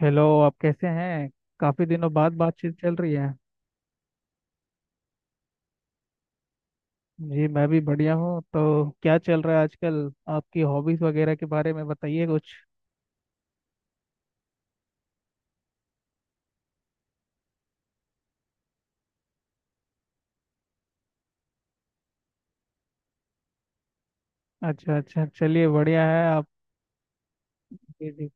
Hello, आप कैसे हैं? काफी दिनों बाद बातचीत चल रही है। जी, मैं भी बढ़िया हूँ। तो क्या चल रहा है आजकल? आपकी हॉबीज वगैरह के बारे में बताइए कुछ। अच्छा अच्छा, चलिए बढ़िया है। आप? जी जी।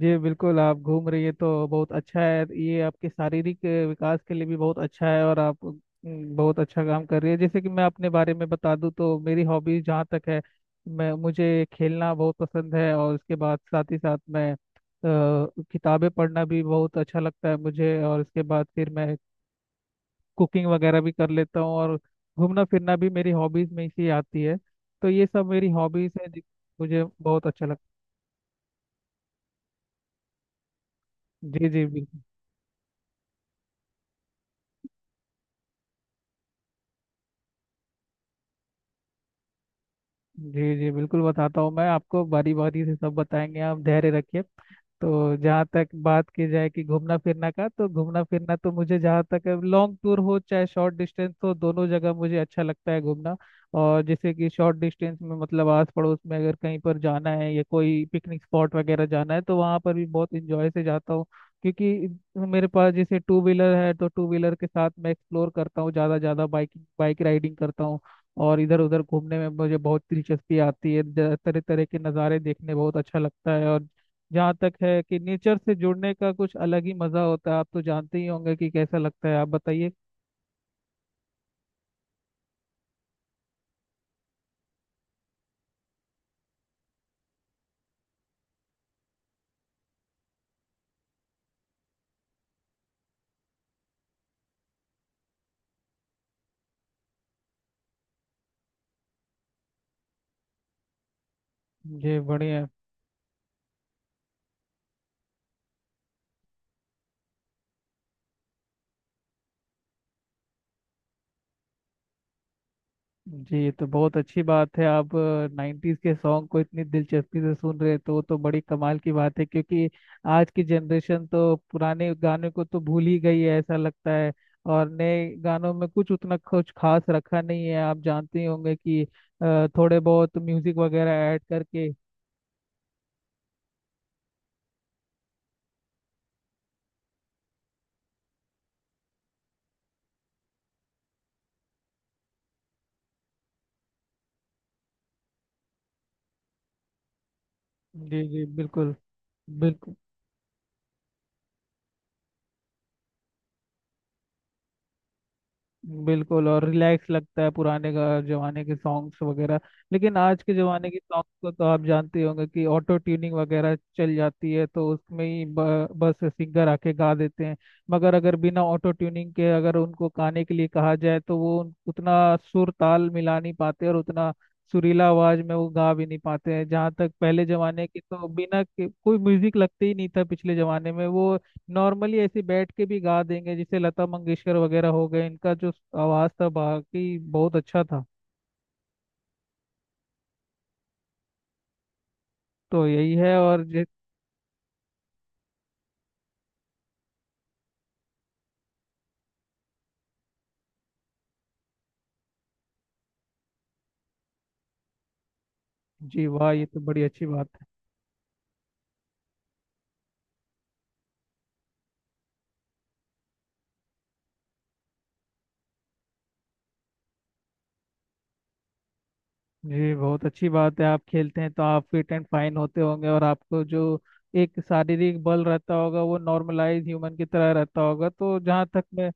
जी बिल्कुल, आप घूम रही है तो बहुत अच्छा है, ये आपके शारीरिक विकास के लिए भी बहुत अच्छा है। और आप बहुत अच्छा काम कर रही है। जैसे कि मैं अपने बारे में बता दूं तो मेरी हॉबीज जहाँ तक है, मैं मुझे खेलना बहुत पसंद है। और उसके बाद साथ ही साथ मैं किताबें पढ़ना भी बहुत अच्छा लगता है मुझे। और उसके बाद फिर मैं कुकिंग वगैरह भी कर लेता हूँ, और घूमना फिरना भी मेरी हॉबीज में ही से आती है। तो ये सब मेरी हॉबीज है, मुझे बहुत अच्छा लगता है। जी जी बिल्कुल। जी जी बिल्कुल, बताता हूँ। मैं आपको बारी बारी से सब बताएंगे, आप धैर्य रखिए। तो जहाँ तक बात की जाए कि घूमना फिरना का, तो घूमना फिरना तो मुझे जहाँ तक लॉन्ग टूर हो चाहे शॉर्ट डिस्टेंस हो, दोनों जगह मुझे अच्छा लगता है घूमना। और जैसे कि शॉर्ट डिस्टेंस में, मतलब आस पड़ोस में अगर कहीं पर जाना है, या कोई पिकनिक स्पॉट वगैरह जाना है, तो वहाँ पर भी बहुत इंजॉय से जाता हूँ। क्योंकि मेरे पास जैसे टू व्हीलर है, तो टू व्हीलर के साथ मैं एक्सप्लोर करता हूँ ज़्यादा ज़्यादा, बाइक बाइक राइडिंग करता हूँ। और इधर उधर घूमने में मुझे बहुत दिलचस्पी आती है। तरह तरह के नज़ारे देखने बहुत अच्छा लगता है। और जहाँ तक है कि नेचर से जुड़ने का कुछ अलग ही मज़ा होता है, आप तो जानते ही होंगे कि कैसा लगता है। आप बताइए। मुझे बढ़िया। जी, तो बहुत अच्छी बात है, आप 90s के सॉन्ग को इतनी दिलचस्पी से सुन रहे हैं, तो वो तो बड़ी कमाल की बात है। क्योंकि आज की जनरेशन तो पुराने गाने को तो भूल ही गई है ऐसा लगता है। और नए गानों में कुछ उतना कुछ खास रखा नहीं है, आप जानते ही होंगे कि थोड़े बहुत म्यूजिक वगैरह ऐड करके। जी जी बिल्कुल। बिल्कुल बिल्कुल, और रिलैक्स लगता है पुराने का जमाने के सॉन्ग्स वगैरह। लेकिन आज के जमाने के सॉन्ग्स को तो आप जानते ही होंगे कि ऑटो ट्यूनिंग वगैरह चल जाती है, तो उसमें ही बस सिंगर आके गा देते हैं। मगर अगर बिना ऑटो ट्यूनिंग के अगर उनको गाने के लिए कहा जाए, तो वो उतना सुर ताल मिला नहीं पाते, और उतना सुरीला आवाज में वो गा भी नहीं पाते हैं। जहाँ तक पहले जमाने के, तो बिना कोई म्यूजिक लगते ही नहीं था पिछले जमाने में। वो नॉर्मली ऐसे बैठ के भी गा देंगे, जैसे लता मंगेशकर वगैरह हो गए, इनका जो आवाज़ था बाकी बहुत अच्छा था। तो यही है। और जी। जी वाह, ये तो बड़ी अच्छी बात है। जी बहुत अच्छी बात है, आप खेलते हैं तो आप फिट एंड फाइन होते होंगे, और आपको जो एक शारीरिक बल रहता होगा वो नॉर्मलाइज ह्यूमन की तरह रहता होगा। तो जहाँ तक मैं।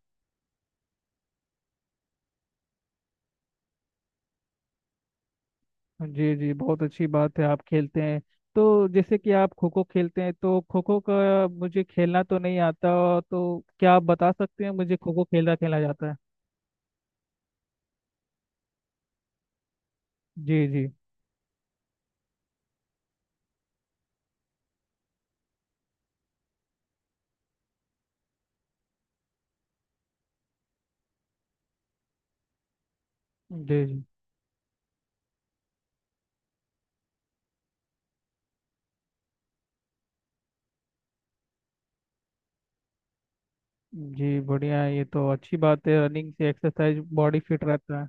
जी जी, बहुत अच्छी बात है, आप खेलते हैं। तो जैसे कि आप खो खो खेलते हैं, तो खो खो का मुझे खेलना तो नहीं आता। तो क्या आप बता सकते हैं मुझे खो खो खेलना खेला जाता है? जी जी। जी जी। जी बढ़िया है, ये तो अच्छी बात है, रनिंग से एक्सरसाइज बॉडी फिट रहता है।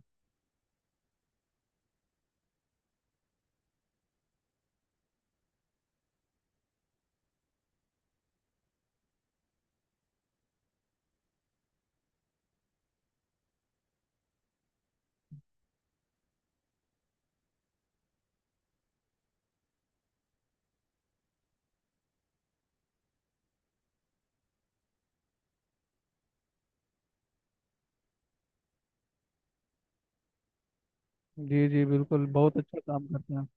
जी जी बिल्कुल, बहुत अच्छा काम करते हैं आप।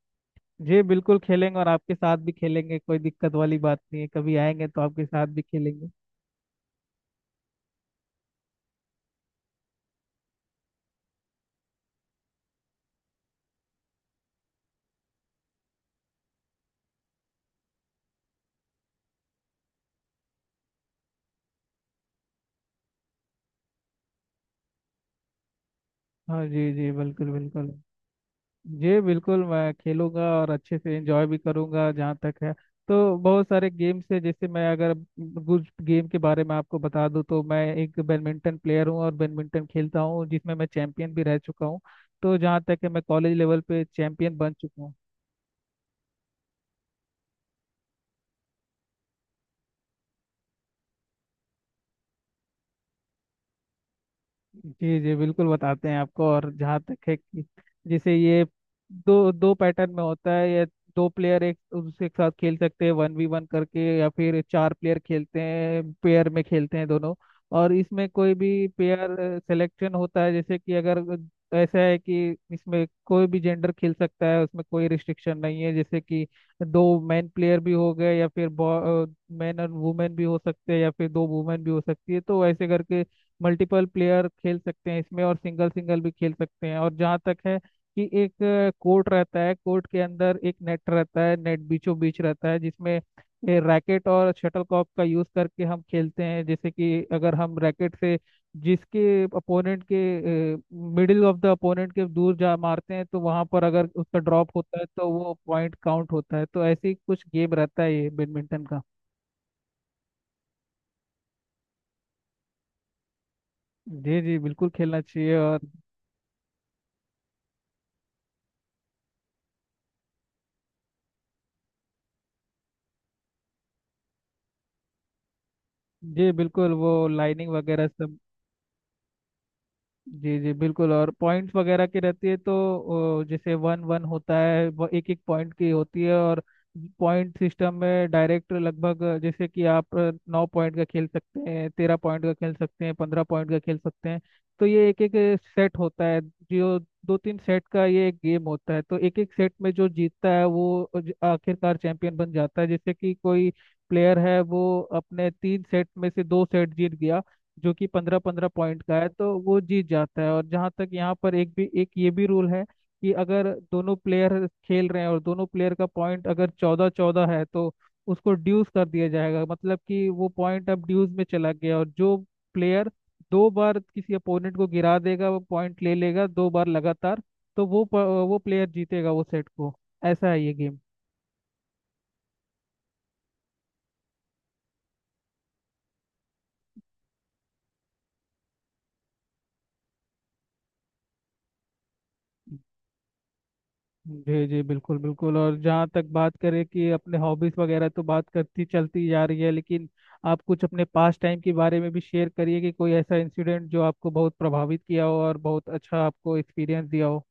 जी बिल्कुल खेलेंगे, और आपके साथ भी खेलेंगे, कोई दिक्कत वाली बात नहीं है। कभी आएंगे तो आपके साथ भी खेलेंगे। हाँ जी, जी बिल्कुल बिल्कुल। जी बिल्कुल, मैं खेलूंगा और अच्छे से एंजॉय भी करूंगा। जहाँ तक है, तो बहुत सारे गेम्स है। जैसे मैं अगर कुछ गेम के बारे में आपको बता दूं, तो मैं एक बैडमिंटन प्लेयर हूँ और बैडमिंटन खेलता हूँ, जिसमें मैं चैंपियन भी रह चुका हूँ। तो जहाँ तक है, मैं कॉलेज लेवल पे चैंपियन बन चुका हूँ। जी जी बिल्कुल, बताते हैं आपको। और जहाँ तक है कि जैसे ये दो दो पैटर्न में होता है ये। दो प्लेयर एक दूसरे के साथ खेल सकते हैं, 1v1 करके, या फिर चार प्लेयर खेलते हैं, पेयर में खेलते हैं दोनों। और इसमें कोई भी पेयर सिलेक्शन होता है। जैसे कि अगर ऐसा है कि इसमें कोई भी जेंडर खेल सकता है, उसमें कोई रिस्ट्रिक्शन नहीं है। जैसे कि दो मैन प्लेयर भी हो गए, या फिर मैन और वुमेन भी हो सकते हैं, या फिर दो वुमेन भी हो सकती है। तो ऐसे करके मल्टीपल प्लेयर खेल सकते हैं इसमें, और सिंगल सिंगल भी खेल सकते हैं। और जहाँ तक है कि एक कोर्ट रहता है, कोर्ट के अंदर एक नेट रहता है, नेट बीचों बीच रहता है, जिसमें रैकेट और शटलकॉक का यूज करके हम खेलते हैं। जैसे कि अगर हम रैकेट से, जिसके अपोनेंट के मिडिल ऑफ द अपोनेंट के दूर जा मारते हैं, तो वहां पर अगर उसका ड्रॉप होता है तो वो पॉइंट काउंट होता है। तो ऐसे ही कुछ गेम रहता है ये बैडमिंटन का। जी जी बिल्कुल, खेलना चाहिए। और जी बिल्कुल, वो लाइनिंग वगैरह सब। जी जी बिल्कुल, और पॉइंट्स वगैरह की रहती है। तो जैसे वन वन होता है, वो एक एक पॉइंट की होती है। और पॉइंट सिस्टम में डायरेक्ट लगभग जैसे कि आप नौ पॉइंट का खेल सकते हैं, 13 पॉइंट का खेल सकते हैं, 15 पॉइंट का खेल सकते हैं। तो ये एक एक सेट होता है, जो दो तीन सेट का ये एक गेम होता है। तो एक एक सेट में जो जीतता है, वो आखिरकार चैंपियन बन जाता है। जैसे कि कोई प्लेयर है, वो अपने तीन सेट में से दो सेट जीत गया, जो कि 15-15 पॉइंट का है, तो वो जीत जाता है। और जहाँ तक, यहाँ पर एक ये भी रूल है कि अगर दोनों प्लेयर खेल रहे हैं और दोनों प्लेयर का पॉइंट अगर 14-14 है, तो उसको ड्यूस कर दिया जाएगा। मतलब कि वो पॉइंट अब ड्यूस में चला गया, और जो प्लेयर दो बार किसी अपोनेंट को गिरा देगा वो पॉइंट ले लेगा, दो बार लगातार। तो वो वो प्लेयर जीतेगा वो सेट को। ऐसा है ये गेम। जी जी बिल्कुल बिल्कुल। और जहाँ तक बात करें कि अपने हॉबीज वगैरह तो बात करती चलती जा रही है, लेकिन आप कुछ अपने पास टाइम के बारे में भी शेयर करिए, कि कोई ऐसा इंसिडेंट जो आपको बहुत प्रभावित किया हो और बहुत अच्छा आपको एक्सपीरियंस दिया हो।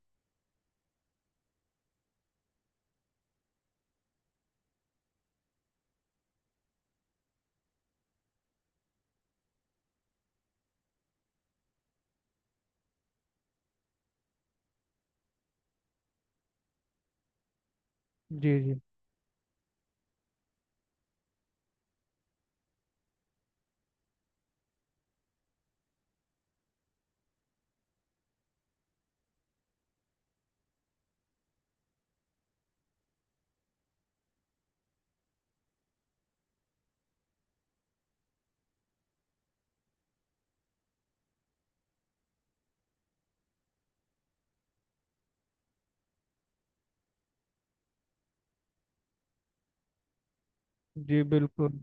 जी जी। जी बिल्कुल।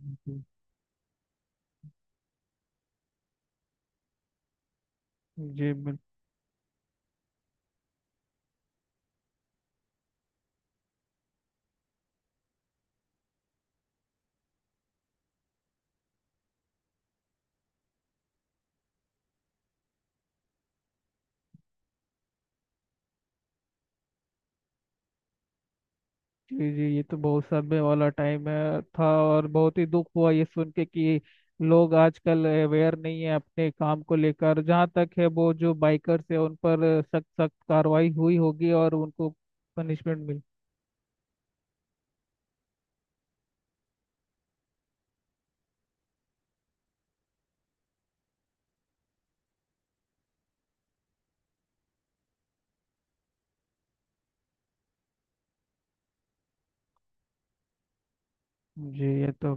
जी बिल्कुल। जी जी, ये तो बहुत समय वाला टाइम है था, और बहुत ही दुख हुआ ये सुन के कि लोग आजकल अवेयर नहीं है अपने काम को लेकर। जहाँ तक है, वो जो बाइकर्स है उन पर सख्त सख्त कार्रवाई हुई होगी और उनको पनिशमेंट मिली। जी ये तो।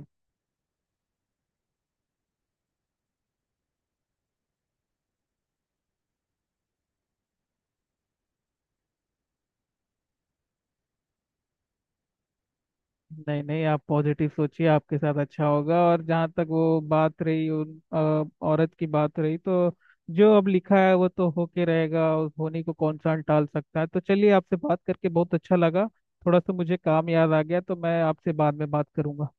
नहीं नहीं, आप पॉजिटिव सोचिए, आपके साथ अच्छा होगा। और जहाँ तक वो बात रही, उन औरत की बात रही, तो जो अब लिखा है वो तो होके रहेगा, और होने को कौन सा टाल सकता है। तो चलिए, आपसे बात करके बहुत अच्छा लगा। थोड़ा सा मुझे काम याद आ गया, तो मैं आपसे बाद में बात करूंगा।